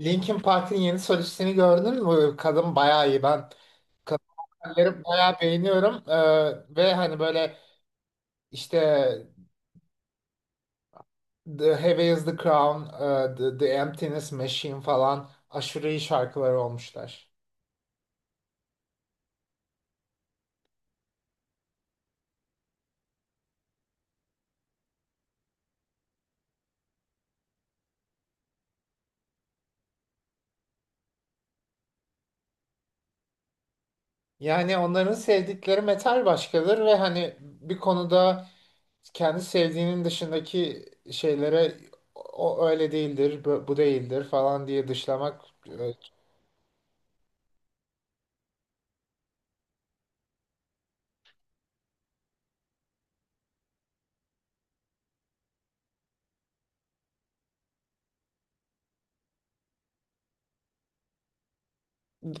Linkin Park'ın yeni solistini gördün mü? Kadın bayağı iyi. Ben kadın vokalleri bayağı beğeniyorum. Ve hani böyle işte The Heavy is the Crown, The Emptiness Machine falan aşırı iyi şarkıları olmuşlar. Yani onların sevdikleri metal başkadır ve hani bir konuda kendi sevdiğinin dışındaki şeylere o o öyle değildir, bu değildir falan diye dışlamak. e,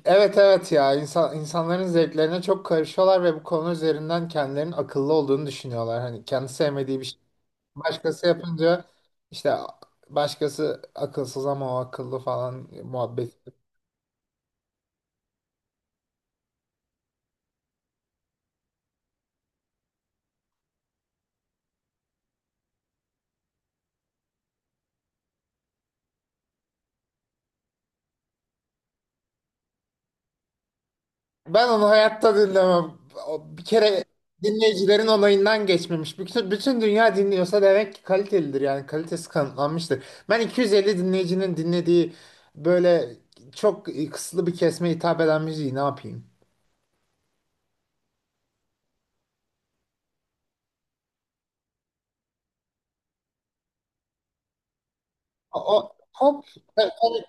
Evet evet ya insanların zevklerine çok karışıyorlar ve bu konu üzerinden kendilerinin akıllı olduğunu düşünüyorlar. Hani kendi sevmediği bir şey başkası yapınca işte başkası akılsız ama o akıllı falan muhabbet. Ben onu hayatta dinlemem. O bir kere dinleyicilerin onayından geçmemiş. Bütün dünya dinliyorsa demek ki kalitelidir, yani kalitesi kanıtlanmıştır. Ben 250 dinleyicinin dinlediği böyle çok kısıtlı bir kesime hitap eden müziği ne yapayım? O, Pop, tabii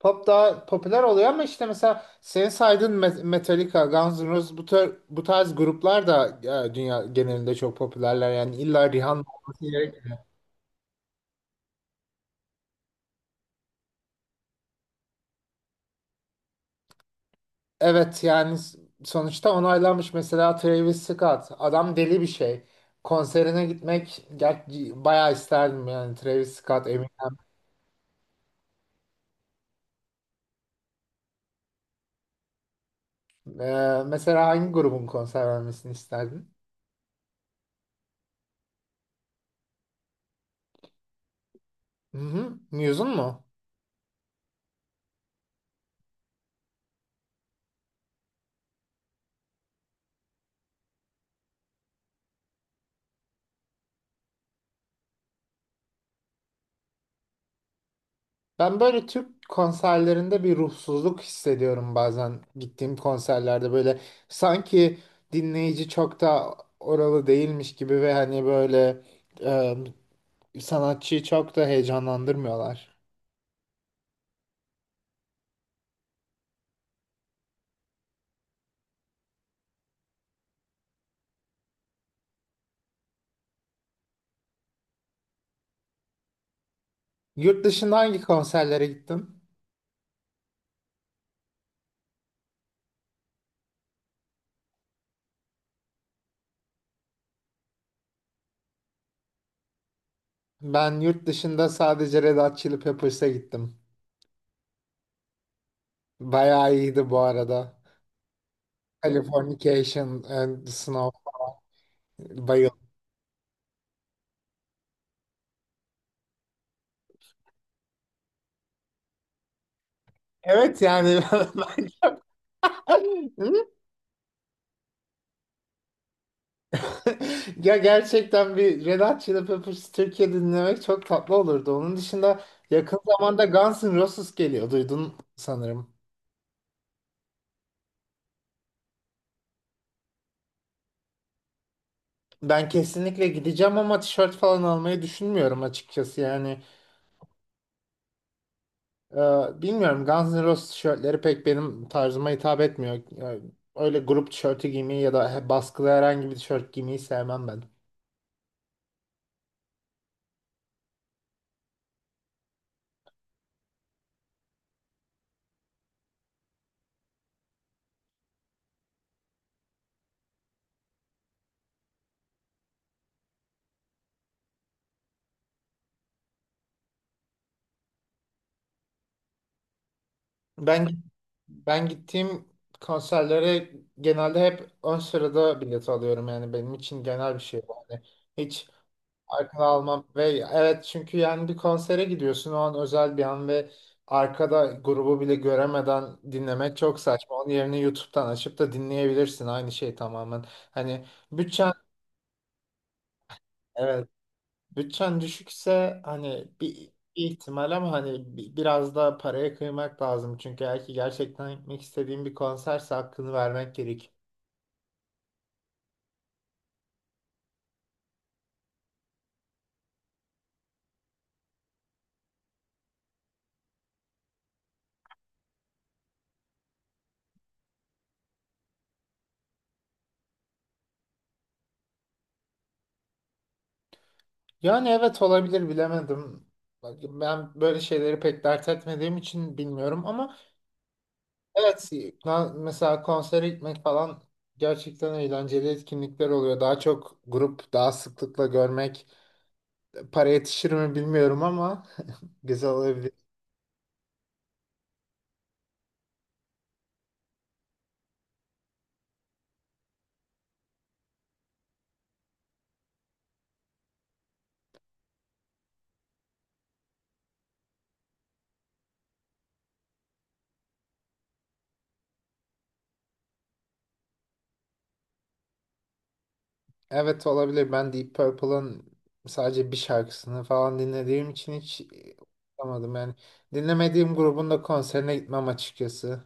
pop daha popüler oluyor ama işte mesela senin saydığın Metallica, Guns N' Roses, bu tarz gruplar da dünya genelinde çok popülerler. Yani illa Rihanna olması gerekmiyor. Evet, yani sonuçta onaylanmış, mesela Travis Scott. Adam deli bir şey. Konserine gitmek bayağı isterdim, yani Travis Scott emin. E, mesela hangi grubun konser vermesini isterdin? Hı hı. Muse'un mu? Ben böyle Türk konserlerinde bir ruhsuzluk hissediyorum, bazen gittiğim konserlerde böyle sanki dinleyici çok da oralı değilmiş gibi ve hani böyle sanatçıyı çok da heyecanlandırmıyorlar. Yurt dışında hangi konserlere gittin? Ben yurt dışında sadece Red Hot Chili Peppers'a gittim. Bayağı iyiydi bu arada. Californication and Snow, bayıldım. Evet yani ben ya gerçekten bir Red Hot Chili Peppers Türkiye dinlemek çok tatlı olurdu. Onun dışında yakın zamanda Guns N' Roses geliyor. Duydun sanırım. Ben kesinlikle gideceğim ama tişört falan almayı düşünmüyorum açıkçası. Yani e, bilmiyorum, Guns N' Roses tişörtleri pek benim tarzıma hitap etmiyor. Yani öyle grup tişörtü giymeyi ya da baskılı herhangi bir tişört giymeyi sevmem ben. Ben ben gittiğim konserlere genelde hep ön sırada bilet alıyorum, yani benim için genel bir şey bu. Yani hiç arkada almam ve evet, çünkü yani bir konsere gidiyorsun, o an özel bir an ve arkada grubu bile göremeden dinlemek çok saçma, onun yerine YouTube'dan açıp da dinleyebilirsin, aynı şey tamamen. Hani bütçen, evet bütçen düşükse hani bir bir ihtimal, ama hani biraz da paraya kıymak lazım. Çünkü eğer ki gerçekten gitmek istediğim bir konserse hakkını vermek gerek. Yani evet, olabilir, bilemedim. Ben böyle şeyleri pek dert etmediğim için bilmiyorum ama evet, mesela konsere gitmek falan gerçekten eğlenceli etkinlikler oluyor. Daha çok grup daha sıklıkla görmek, para yetişir mi bilmiyorum ama güzel olabilir. Evet olabilir. Ben Deep Purple'ın sadece bir şarkısını falan dinlediğim için hiç anlamadım. Yani dinlemediğim grubun da konserine gitmem açıkçası.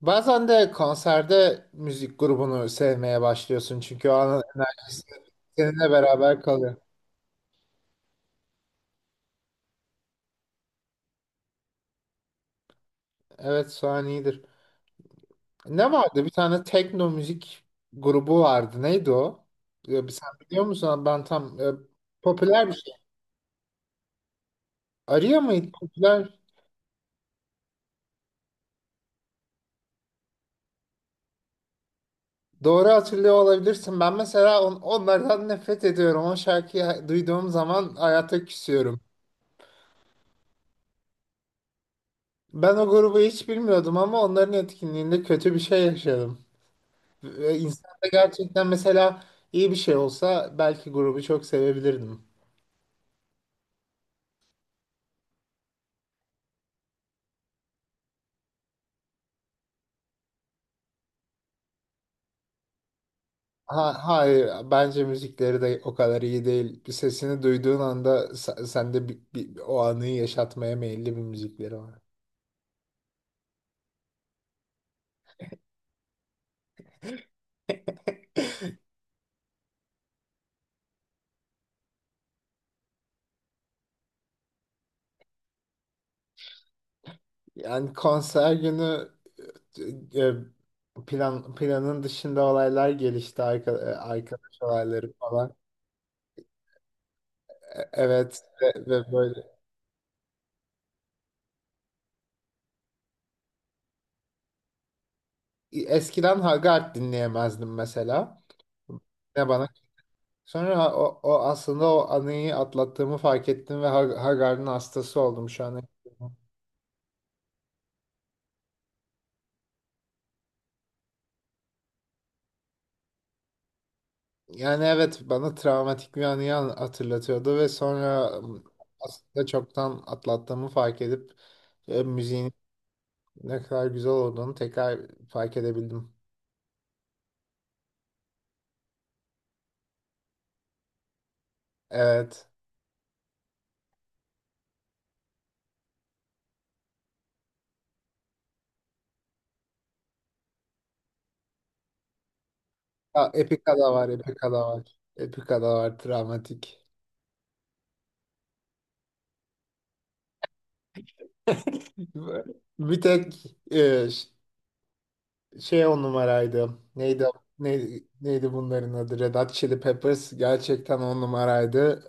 Bazen de konserde müzik grubunu sevmeye başlıyorsun, çünkü o anın enerjisi seninle beraber kalıyor. Evet, Suhan iyidir. Ne vardı? Bir tane tekno müzik grubu vardı. Neydi o? Sen biliyor musun? Ben tam popüler bir şey. Arya mıydı? Popüler. Doğru hatırlıyor olabilirsin. Ben mesela onlardan nefret ediyorum. O şarkıyı duyduğum zaman hayata küsüyorum. Ben o grubu hiç bilmiyordum ama onların etkinliğinde kötü bir şey yaşadım. Ve İnsanda gerçekten, mesela iyi bir şey olsa belki grubu çok sevebilirdim. Ha, hayır, bence müzikleri de o kadar iyi değil. Bir sesini duyduğun anda sende o anıyı yaşatmaya meyilli bir müzikleri var. Yani konser günü e, e, planın dışında olaylar gelişti, arkadaş olayları falan. Evet ve böyle eskiden Hagard dinleyemezdim mesela. Ne bana sonra o aslında o anıyı atlattığımı fark ettim ve Hagard'ın hastası oldum şu an. Yani evet, bana travmatik bir anıyı hatırlatıyordu ve sonra aslında çoktan atlattığımı fark edip müziğin ne kadar güzel olduğunu tekrar fark edebildim. Evet. Ya, Epika da var, Epika da var. Epika da var, travmatik. Bir tek e, ş- şey on numaraydı. Neydi, neydi bunların adı? Red Hot Chili Peppers gerçekten on numaraydı.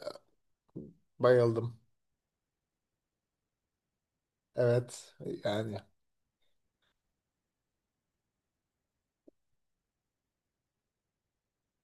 Bayıldım. Evet, yani.